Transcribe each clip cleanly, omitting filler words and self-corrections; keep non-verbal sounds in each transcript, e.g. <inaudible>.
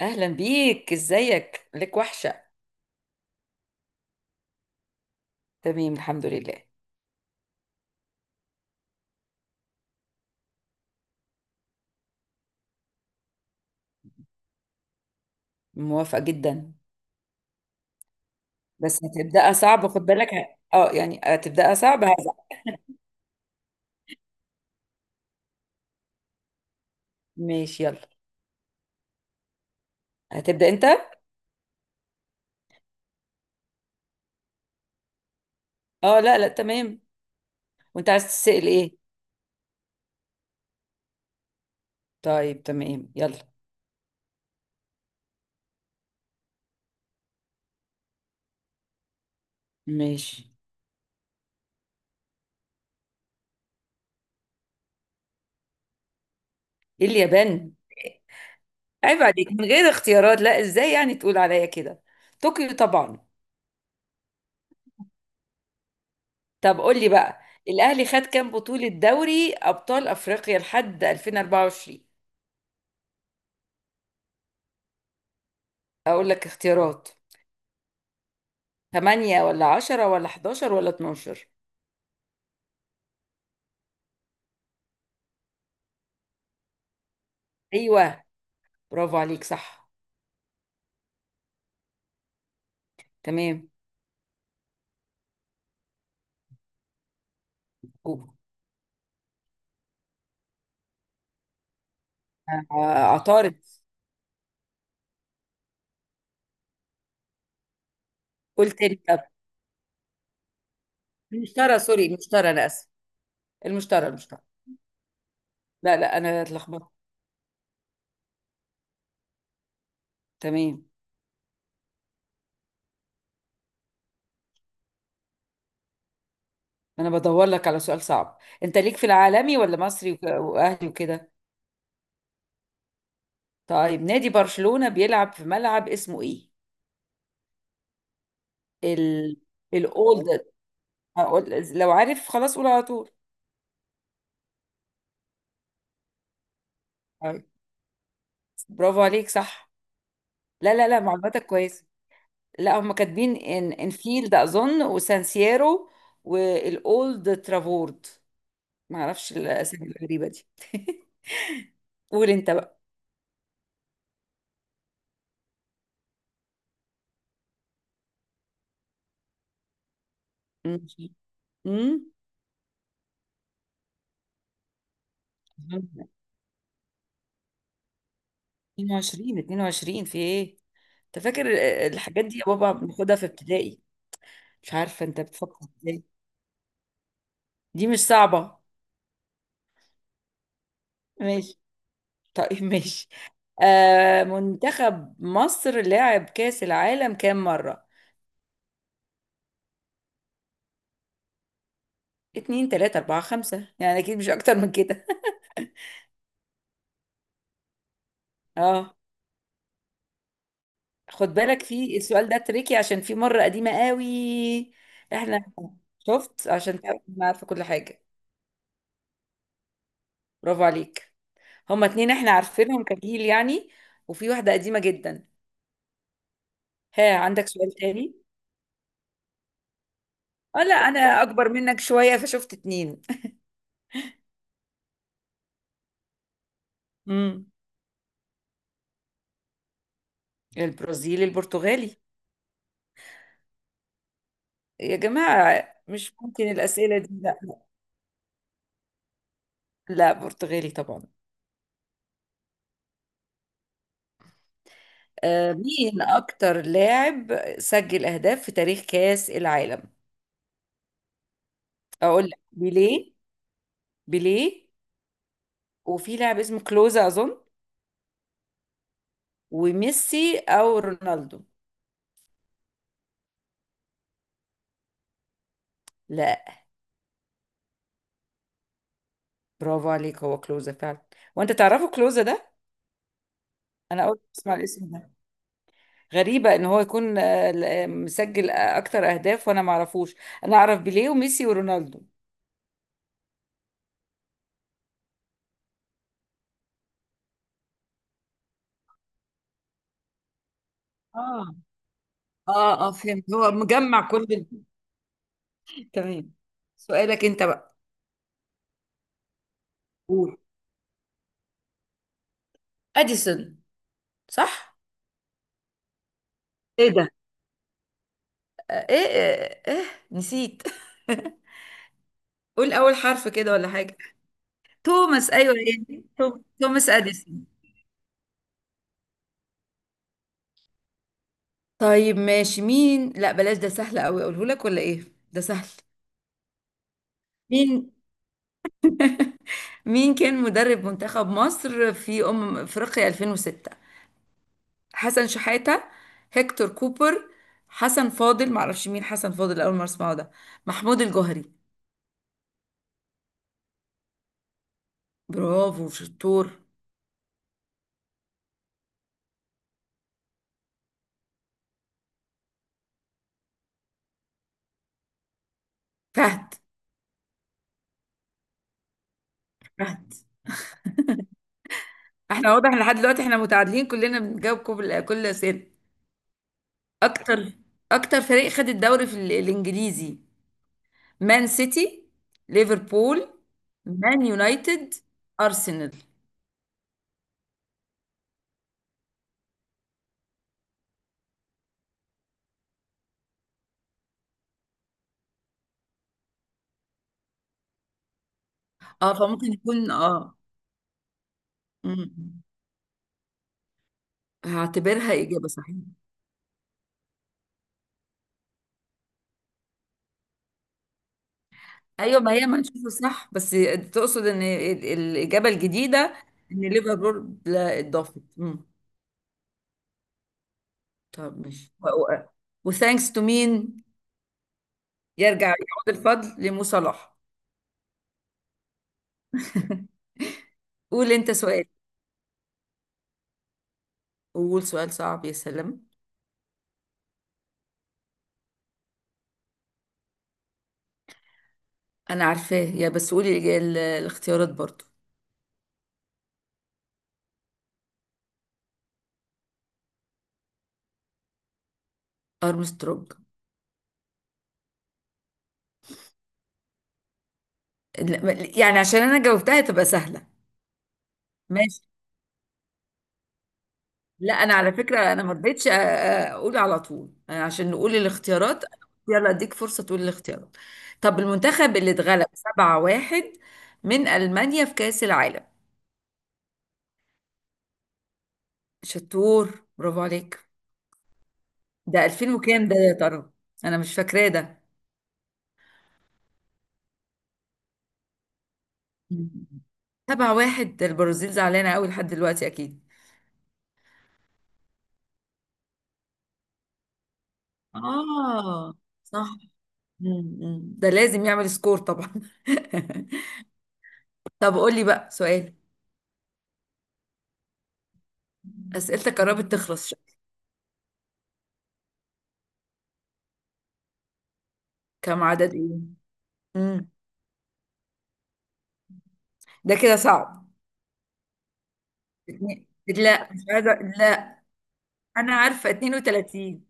اهلا بيك، ازيك، لك وحشه. تمام، الحمد لله. موافقه جدا. بس هتبداها صعب، خد بالك. يعني هتبداها صعب، هزعل. ماشي، يلا. هتبدا انت. اه، لا، لا، تمام. وانت عايز تسال ايه؟ طيب، تمام، يلا. ماشي. إيه اليابان؟ عيب عليك من غير اختيارات. لا، ازاي يعني تقول عليا كده؟ طوكيو طبعا. طب قول لي بقى، الاهلي خد كام بطوله دوري ابطال افريقيا لحد 2024؟ اقول لك اختيارات. تمانية ولا 10 ولا 11 ولا 12؟ أيوة، برافو عليك، صح. تمام. جوجل. آه، عطارد. قلت تاني، طب. المشترى، سوري، المشترى، أنا آسف. المشترى، المشترى. لا، لا، أنا اتلخبطت. تمام. أنا بدور لك على سؤال صعب. أنت ليك في العالمي ولا مصري وأهلي وكده؟ طيب، نادي برشلونة بيلعب في ملعب اسمه إيه؟ ال الأولد. لو عارف خلاص قول على طول. طيب. برافو عليك، صح. لا، لا، لا، معلوماتك كويسة. لا، هم كاتبين ان انفيلد اظن، وسانسيرو، والاولد ترافورد. ما اعرفش الاسامي الغريبه دي. <laughs> قول انت بقى. ماشي. امم 22، 22، في ايه، انت فاكر؟ الحاجات دي يا بابا بناخدها في ابتدائي. مش عارفه انت بتفكر ازاي. دي مش صعبه. ماشي. طيب، ماشي. منتخب مصر لعب كاس العالم كام مره؟ اتنين، تلاتة، أربعة، خمسة، يعني أكيد مش أكتر من كده. <laughs> اه. خد بالك، في السؤال ده تريكي عشان في مرة قديمة قوي احنا. شفت عشان تعرف إن أنا عارفة كل حاجة. برافو عليك. هما اتنين احنا عارفينهم كجيل يعني، وفي واحدة قديمة جدا. ها، عندك سؤال تاني؟ اه، لا، انا اكبر منك شوية فشفت اتنين. امم البرازيل، البرتغالي. يا جماعة مش ممكن الأسئلة دي، لا. لا، برتغالي طبعا. مين أكتر لاعب سجل أهداف في تاريخ كأس العالم؟ أقول لك، بيليه، بيليه، وفي لاعب اسمه كلوزا اظن، وميسي او رونالدو. لا. برافو عليك، هو كلوزا فعلا. وانت تعرفه كلوزا ده؟ انا اول مره اسمع الاسم ده. غريبه ان هو يكون مسجل اكتر اهداف وانا ما اعرفوش. انا اعرف بيليه وميسي ورونالدو. اه، اه، اه، فهمت، هو مجمع كل تمام. سؤالك انت بقى. قول. اديسون. صح. ايه ده؟ إيه؟ نسيت. <laughs> قول اول حرف كده ولا حاجه. توماس، ايوه، يعني توماس اديسون. طيب ماشي. مين؟ لا، بلاش، ده سهل قوي، اقوله لك ولا ايه؟ ده سهل. مين مين كان مدرب منتخب مصر في أمم أفريقيا 2006؟ حسن شحاتة، هيكتور كوبر، حسن فاضل، معرفش مين حسن فاضل، أول مرة أسمعه ده، محمود الجوهري. برافو شطور. فهد. فهد. احنا واضح إن لحد دلوقتي احنا متعادلين، كلنا بنجاوب كل سنة. أكتر. أكتر فريق خد الدوري في الإنجليزي؟ مان سيتي، ليفربول، مان يونايتد، ارسنال. اه، فممكن يكون، اه. مم. هعتبرها اجابه صحيحه. ايوه، ما هي ما نشوفه صح بس. تقصد ان الاجابه الجديده ان ليفربول لا اتضافت. مم. طب ماشي. وثانكس تو مين؟ يرجع يعود الفضل لمو صلاح. <laughs> قول انت سؤال. قول سؤال صعب، يا سلام. انا عارفاه، يا بس قولي الاختيارات برضو. ارمسترونج. لا، يعني عشان انا جاوبتها تبقى سهله. ماشي. لا، انا على فكره، انا ما رضيتش اقول على طول يعني عشان نقول الاختيارات. يلا اديك فرصه تقول الاختيارات. طب المنتخب اللي اتغلب 7-1 من المانيا في كاس العالم؟ شطور، برافو عليك. ده 2000 وكام ده يا ترى، انا مش فاكراه ده. <laughs> 7-1. ده البرازيل زعلانه قوي لحد دلوقتي اكيد. اه. صح. مم، مم. ده لازم يعمل سكور طبعا. <laughs> طب قول لي بقى سؤال. أسئلتك قربت تخلص، شكلك. كم عدد إيه؟ مم. ده كده صعب. اتنين. لا، مش عايزة. لا، أنا عارفة 32،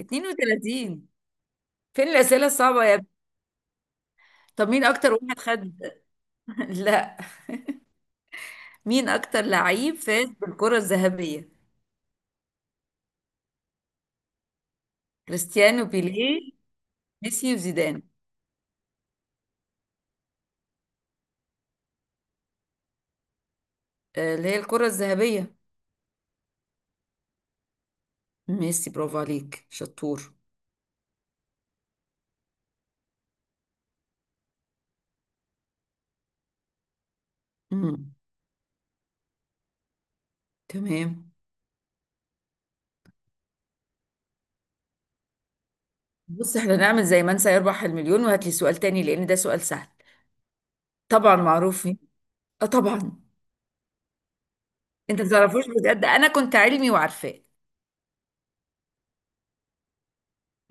32. فين الأسئلة الصعبة يا ابني؟ طب مين أكتر واحد خد. <laughs> لا، مين أكتر لعيب فاز بالكرة الذهبية؟ كريستيانو، بيليه، ميسي وزيدان. اللي هي الكرة الذهبية. ميسي. برافو عليك شطور. مم. تمام. بص، احنا نعمل زي من سيربح المليون وهات لي سؤال تاني لأن ده سؤال سهل. طبعا معروف مين. اه، طبعا. انت ما تعرفوش بجد؟ انا كنت علمي وعارفاه.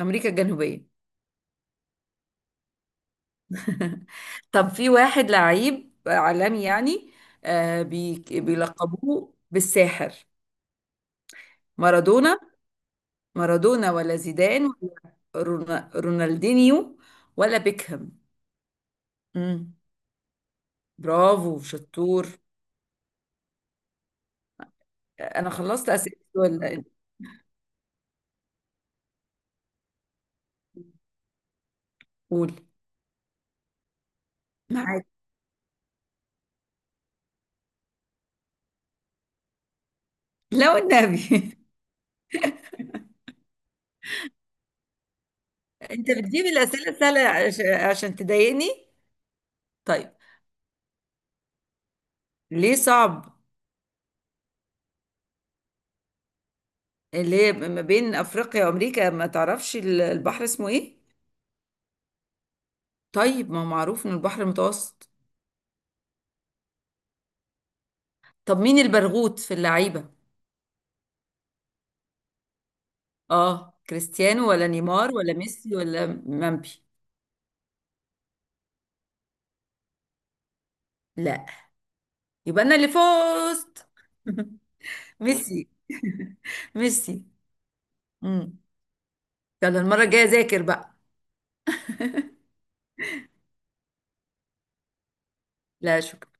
امريكا الجنوبيه. <laughs> طب في واحد لعيب عالمي يعني، آه بي بيلقبوه بالساحر. مارادونا. مارادونا ولا زيدان ولا رونالدينيو ولا بيكهام. مم. برافو شطور. انا خلصت اسئله ولا؟ قول. معاك. لا والنبي. <laughs> انت بتجيب الاسئله السهله عشان تضايقني. طيب. ليه صعب؟ اللي هي ما بين افريقيا وامريكا، ما تعرفش البحر اسمه ايه. طيب، ما هو معروف ان البحر المتوسط. طب مين البرغوث في اللعيبه؟ اه، كريستيانو ولا نيمار ولا ميسي ولا مامبي. لا. يبقى انا اللي فزت. <laughs> ميسي. <laughs> ميسي. امم يلا المره الجايه ذاكر بقى. لا شكرا.